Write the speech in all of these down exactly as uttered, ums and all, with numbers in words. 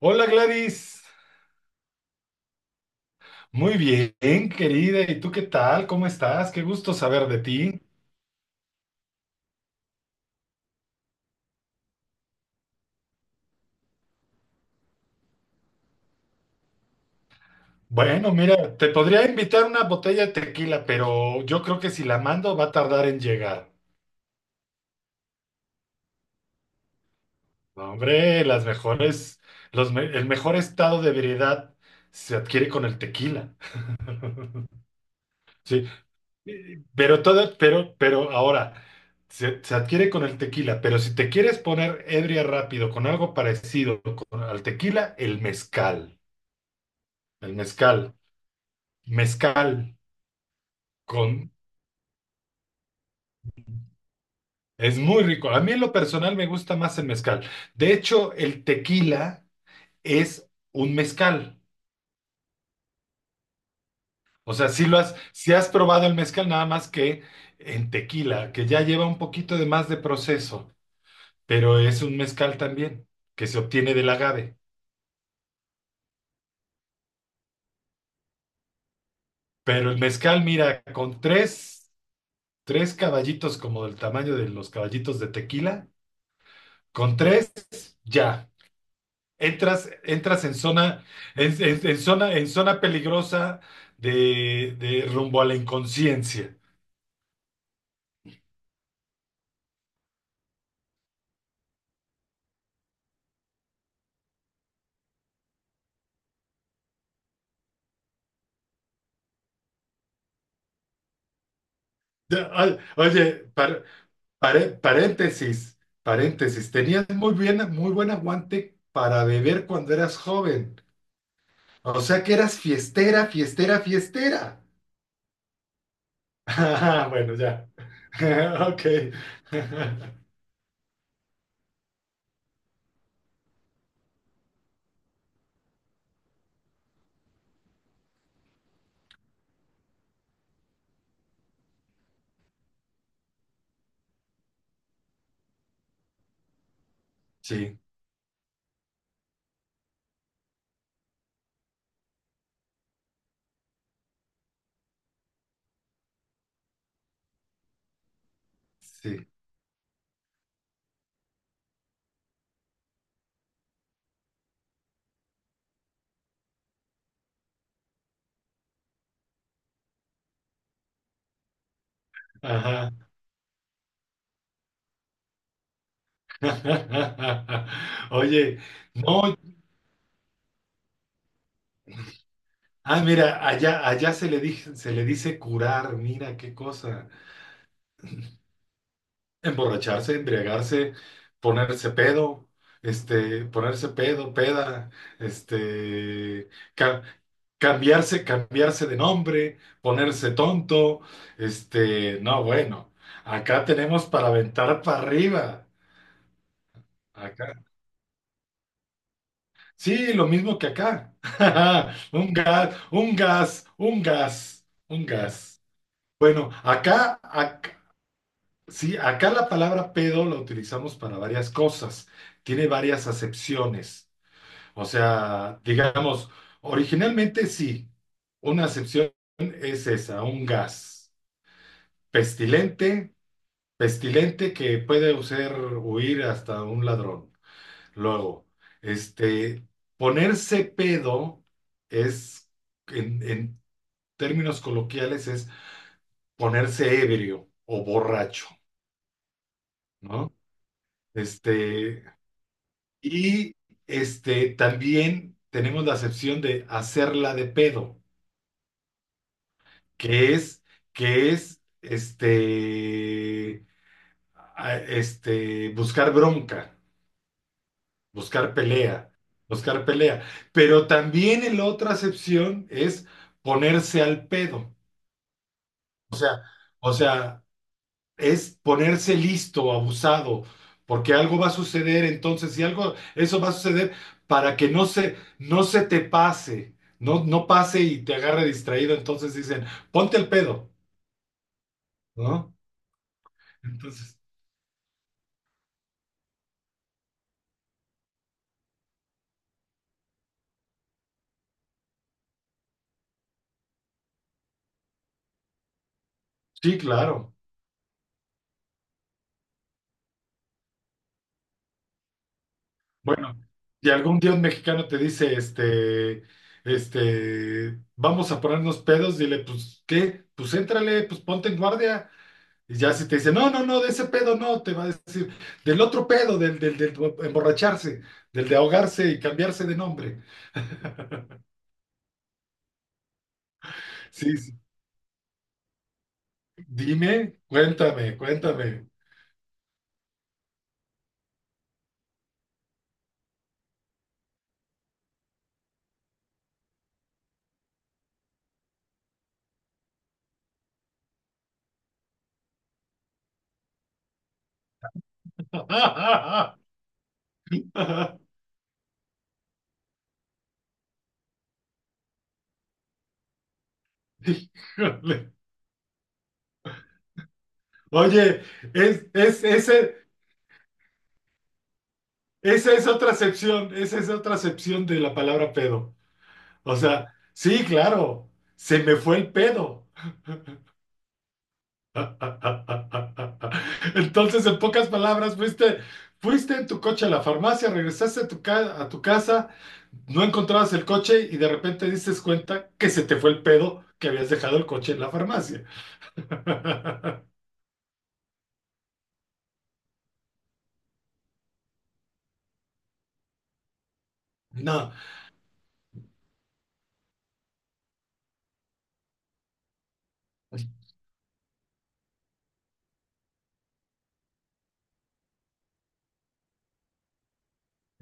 Hola Gladys, muy bien querida, ¿y tú qué tal? ¿Cómo estás? Qué gusto saber de ti. Bueno, mira, te podría invitar una botella de tequila, pero yo creo que si la mando va a tardar en llegar. No, hombre, las mejores, los me- el mejor estado de ebriedad se adquiere con el tequila. Sí, y- pero todo, pero, pero ahora se, se adquiere con el tequila, pero si te quieres poner ebria rápido con algo parecido con- al tequila, el mezcal. El mezcal. Mezcal con. Es muy rico. A mí en lo personal me gusta más el mezcal. De hecho, el tequila es un mezcal. O sea, si lo has, si has probado el mezcal, nada más que en tequila, que ya lleva un poquito de más de proceso, pero es un mezcal también, que se obtiene del agave. Pero el mezcal, mira, con tres, tres caballitos como del tamaño de los caballitos de tequila, con tres, ya. Entras, entras en zona, en, en- en zona, en zona peligrosa de, de rumbo a la inconsciencia. Ya, ay, oye, par- pare- paréntesis, paréntesis. Tenías muy bien, muy buen aguante para beber cuando eras joven. O sea que eras fiestera, fiestera, fiestera. Ah, bueno, ya. Ok. Sí, sí. Ajá. Oye, no, ah, mira, allá, allá se le dije- se le dice curar, mira qué cosa. Emborracharse, embriagarse, ponerse pedo, este, ponerse pedo, peda, este, ca- cambiarse, cambiarse de nombre, ponerse tonto, este, no, bueno, acá tenemos para aventar para arriba. Acá. Sí, lo mismo que acá. Un gas, un gas, un gas, un gas. Bueno, acá, ac- sí, acá la palabra pedo la utilizamos para varias cosas, tiene varias acepciones. O sea, digamos, originalmente sí, una acepción es esa, un gas pestilente, pestilente que puede hacer huir hasta un ladrón. Luego, este, ponerse pedo es, en, en términos coloquiales, es ponerse ebrio o borracho, ¿no? Este, Y este, también tenemos la acepción de hacerla de pedo, que es, que es este, a- este, buscar bronca, buscar pelea, buscar pelea. Pero también en la otra acepción es ponerse al pedo. O sea, es ponerse listo, abusado, porque algo va a suceder, entonces, si algo, eso va a suceder para que no se, no se te pase, no, no pase y te agarre distraído, entonces dicen, ponte el pedo, ¿no? Entonces, sí, claro. Bueno, y algún dios mexicano te dice, este, este, vamos a ponernos pedos, dile, pues, ¿qué? Pues éntrale, pues ponte en guardia. Y ya si te dice, no, no, no, de ese pedo no, te va a decir, del otro pedo, del, del, del emborracharse, del de ahogarse y cambiarse de nombre. Sí, sí. Dime, cuéntame, cuéntame. Híjole. Oye, es, es, ese, esa es otra acepción, esa es otra acepción de la palabra pedo. O sea, sí, claro, se me fue el pedo. Entonces, en pocas palabras, fuiste, fuiste en tu coche a la farmacia, regresaste a tu, ca- a tu casa, no encontrabas el coche y de repente dices cuenta que se te fue el pedo que habías dejado el coche en la farmacia. No,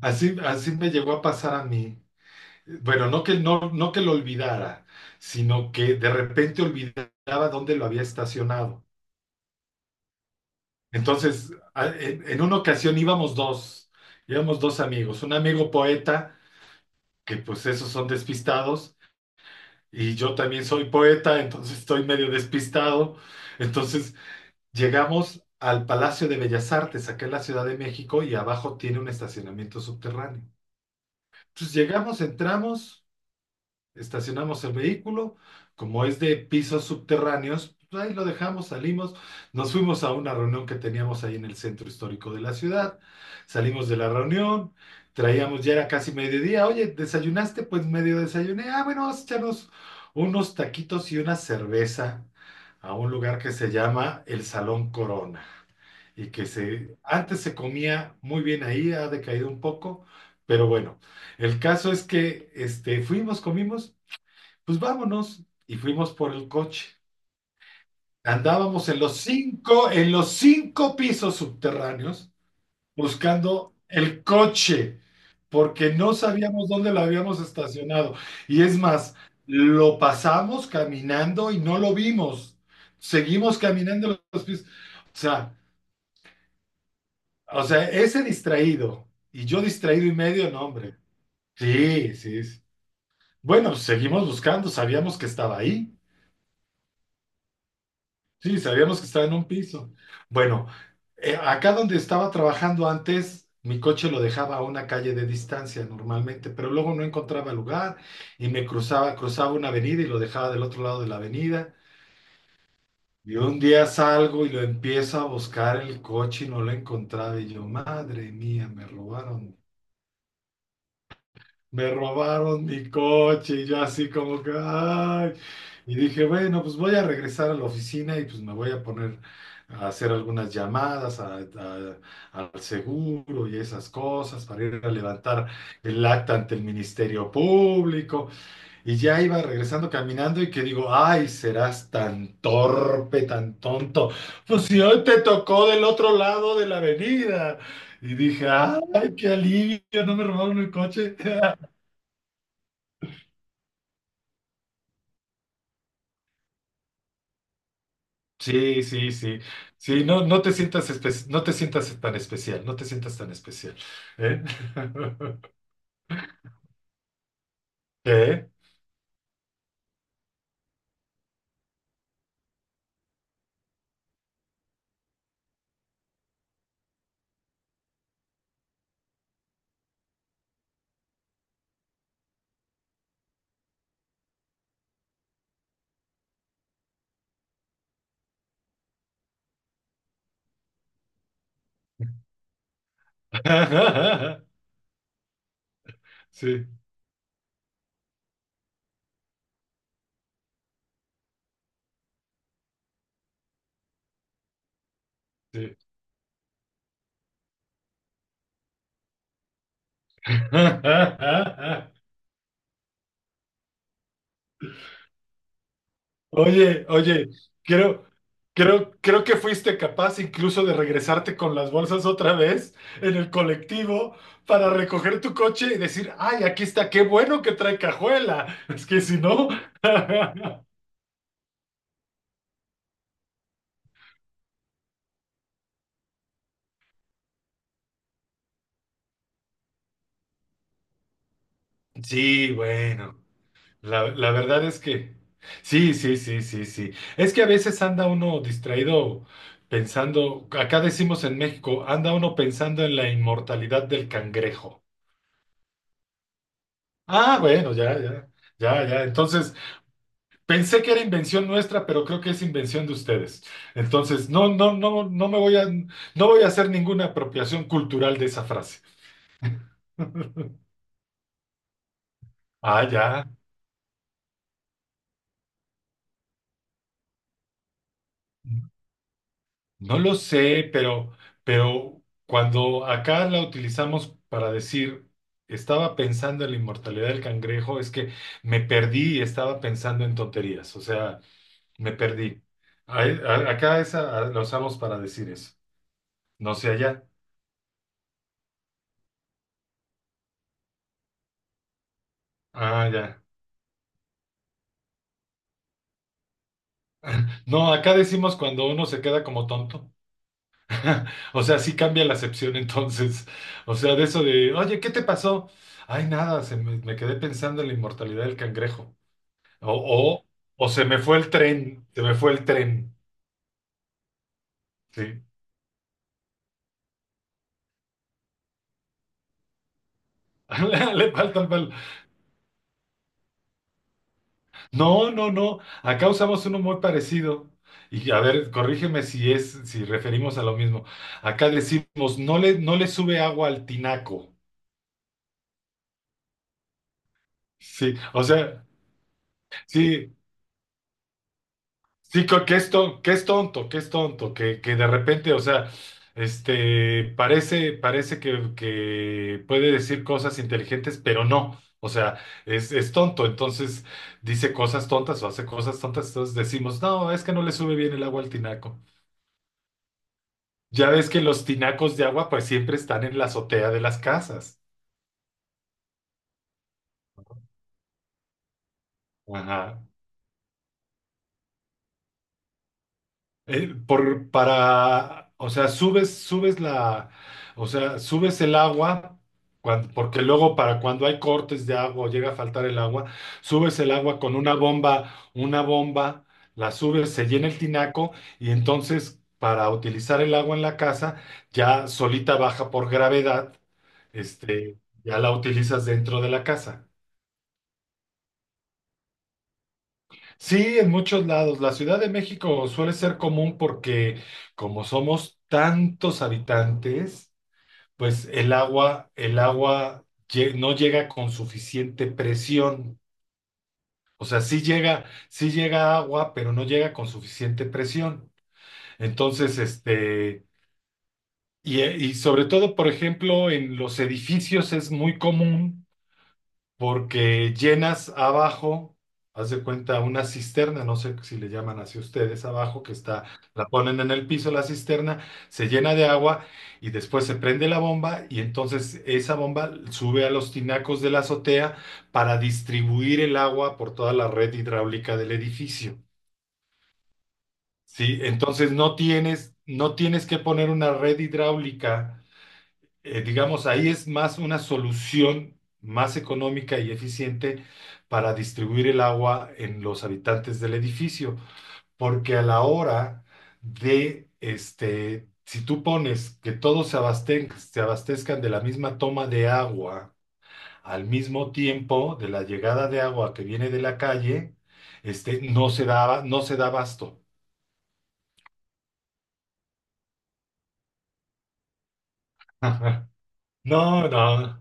así, así me llegó a pasar a mí. Bueno, no que, no, no que lo olvidara, sino que de repente olvidaba dónde lo había estacionado. Entonces, a- en en una ocasión íbamos dos, íbamos dos amigos, un amigo poeta que pues esos son despistados y yo también soy poeta, entonces estoy medio despistado. Entonces llegamos al Palacio de Bellas Artes, acá en la Ciudad de México, y abajo tiene un estacionamiento subterráneo. Entonces llegamos, entramos estacionamos el vehículo, como es de pisos subterráneos, pues ahí lo dejamos, salimos, nos fuimos a una reunión que teníamos ahí en el centro histórico de la ciudad, salimos de la reunión, traíamos, ya era casi mediodía, oye, ¿desayunaste? Pues medio desayuné, ah, bueno, vamos a echarnos unos taquitos y una cerveza a un lugar que se llama el Salón Corona y que se, antes se comía muy bien ahí, ha decaído un poco, pero bueno, el caso es que este, fuimos, comimos pues vámonos. Y fuimos por el coche. Andábamos en los cinco, en los cinco pisos subterráneos buscando el coche, porque no sabíamos dónde lo habíamos estacionado. Y es más, lo pasamos caminando y no lo vimos. Seguimos caminando los pisos. O sea, o sea, ese distraído y yo distraído y medio, no, hombre. Sí, sí, sí. Bueno, seguimos buscando, sabíamos que estaba ahí. Sí, sabíamos que estaba en un piso. Bueno, eh, acá donde estaba trabajando antes, mi coche lo dejaba a una calle de distancia normalmente, pero luego no encontraba lugar y me cruzaba, cruzaba una avenida y lo dejaba del otro lado de la avenida. Y un día salgo y lo empiezo a buscar el coche y no lo encontraba. Y yo, madre mía, me robaron. Me robaron mi coche y yo así como que, ay. Y dije, bueno, pues voy a regresar a la oficina y pues me voy a poner a hacer algunas llamadas a- a- al seguro y esas cosas para ir a levantar el acta ante el Ministerio Público. Y ya iba regresando caminando y que digo, ay, serás tan torpe, tan tonto. Pues si hoy te tocó del otro lado de la avenida. Y dije, ay, qué alivio, no me robaron el coche. Sí, sí, sí. Sí, no no te sientas espe- no te sientas tan especial, no te sientas tan especial. ¿Eh? ¿Qué? Sí, sí. Oye, oye, creo, creo, creo que fuiste capaz incluso de regresarte con las bolsas otra vez en el colectivo para recoger tu coche y decir, ay, aquí está, qué bueno que trae cajuela. Es que si no. Sí, bueno. La, la verdad es que sí, sí, sí, sí, sí. Es que a veces anda uno distraído pensando, acá decimos en México, anda uno pensando en la inmortalidad del cangrejo. Ah, bueno, ya, ya, ya, ya. Entonces, pensé que era invención nuestra, pero creo que es invención de ustedes. Entonces, no, no, no, no me voy a, no voy a hacer ninguna apropiación cultural de esa frase. Ah, ya. No lo sé, pero, pero cuando acá la utilizamos para decir, estaba pensando en la inmortalidad del cangrejo, es que me perdí y estaba pensando en tonterías, o sea, me perdí. Ahí- a- Acá esa a- la usamos para decir eso, no sé allá. Ah, ya. No, acá decimos cuando uno se queda como tonto. O sea, sí cambia la acepción entonces. O sea, de eso de, oye, ¿qué te pasó? Ay, nada, se me, me quedé pensando en la inmortalidad del cangrejo. O, o, o se me fue el tren, se me fue el tren. Sí. Le falta el pal- No, no, no. Acá usamos uno muy parecido. Y a ver, corrígeme si es, si referimos a lo mismo. Acá decimos, no le, no le sube agua al tinaco. Sí, o sea, sí, sí, co- que es tonto, que es tonto, que es tonto, que, que de repente, o sea, este, parece, parece que, que puede decir cosas inteligentes, pero no, o sea, es, es tonto, entonces dice cosas tontas o hace cosas tontas, entonces decimos, no, es que no le sube bien el agua al tinaco. Ya ves que los tinacos de agua pues siempre están en la azotea de las casas. Ajá. eh, por, para, o sea, subes, subes la, o sea, subes el agua, cuan- porque luego para cuando hay cortes de agua o llega a faltar el agua, subes el agua con una bomba, una bomba, la subes, se llena el tinaco y entonces para utilizar el agua en la casa, ya solita baja por gravedad, este, ya la utilizas dentro de la casa. Sí, en muchos lados. La Ciudad de México suele ser común porque como somos tantos habitantes, pues el agua, el agua lle- no llega con suficiente presión. O sea, sí llega, sí llega agua, pero no llega con suficiente presión. Entonces, este, y, eh, y sobre todo, por ejemplo, en los edificios es muy común porque llenas abajo, haz de cuenta, una cisterna, no sé si le llaman así ustedes, abajo que está, la ponen en el piso la cisterna, se llena de agua y después se prende la bomba y entonces esa bomba sube a los tinacos de la azotea para distribuir el agua por toda la red hidráulica del edificio. Sí, entonces no tienes, no tienes que poner una red hidráulica eh, digamos, ahí es más una solución más económica y eficiente para distribuir el agua en los habitantes del edificio, porque a la hora de, este, si tú pones que todos se abasten- se abastezcan de la misma toma de agua al mismo tiempo de la llegada de agua que viene de la calle, este, no se da, no se da abasto. No, no.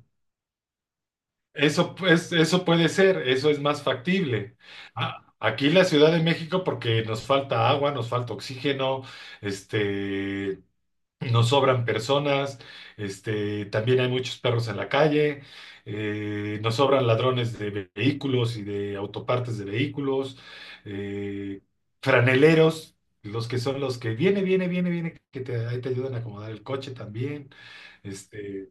Eso, pues, eso puede ser, eso es más factible. A- Aquí en la Ciudad de México, porque nos falta agua, nos falta oxígeno, este, nos sobran personas, este, también hay muchos perros en la calle, eh, nos sobran ladrones de ve- vehículos y de autopartes de vehículos, eh, franeleros, los que son los que viene, viene, viene, viene, que te, ahí te ayudan a acomodar el coche también. Este,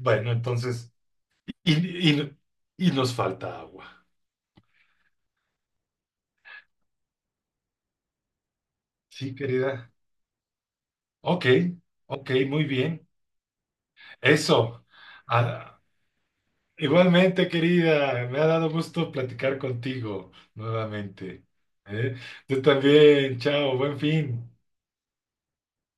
bueno, entonces. Y, y, y nos falta agua. Sí, querida. Ok, ok, muy bien. Eso. Ah, igualmente, querida, me ha dado gusto platicar contigo nuevamente. ¿Eh? Tú también, chao, buen fin.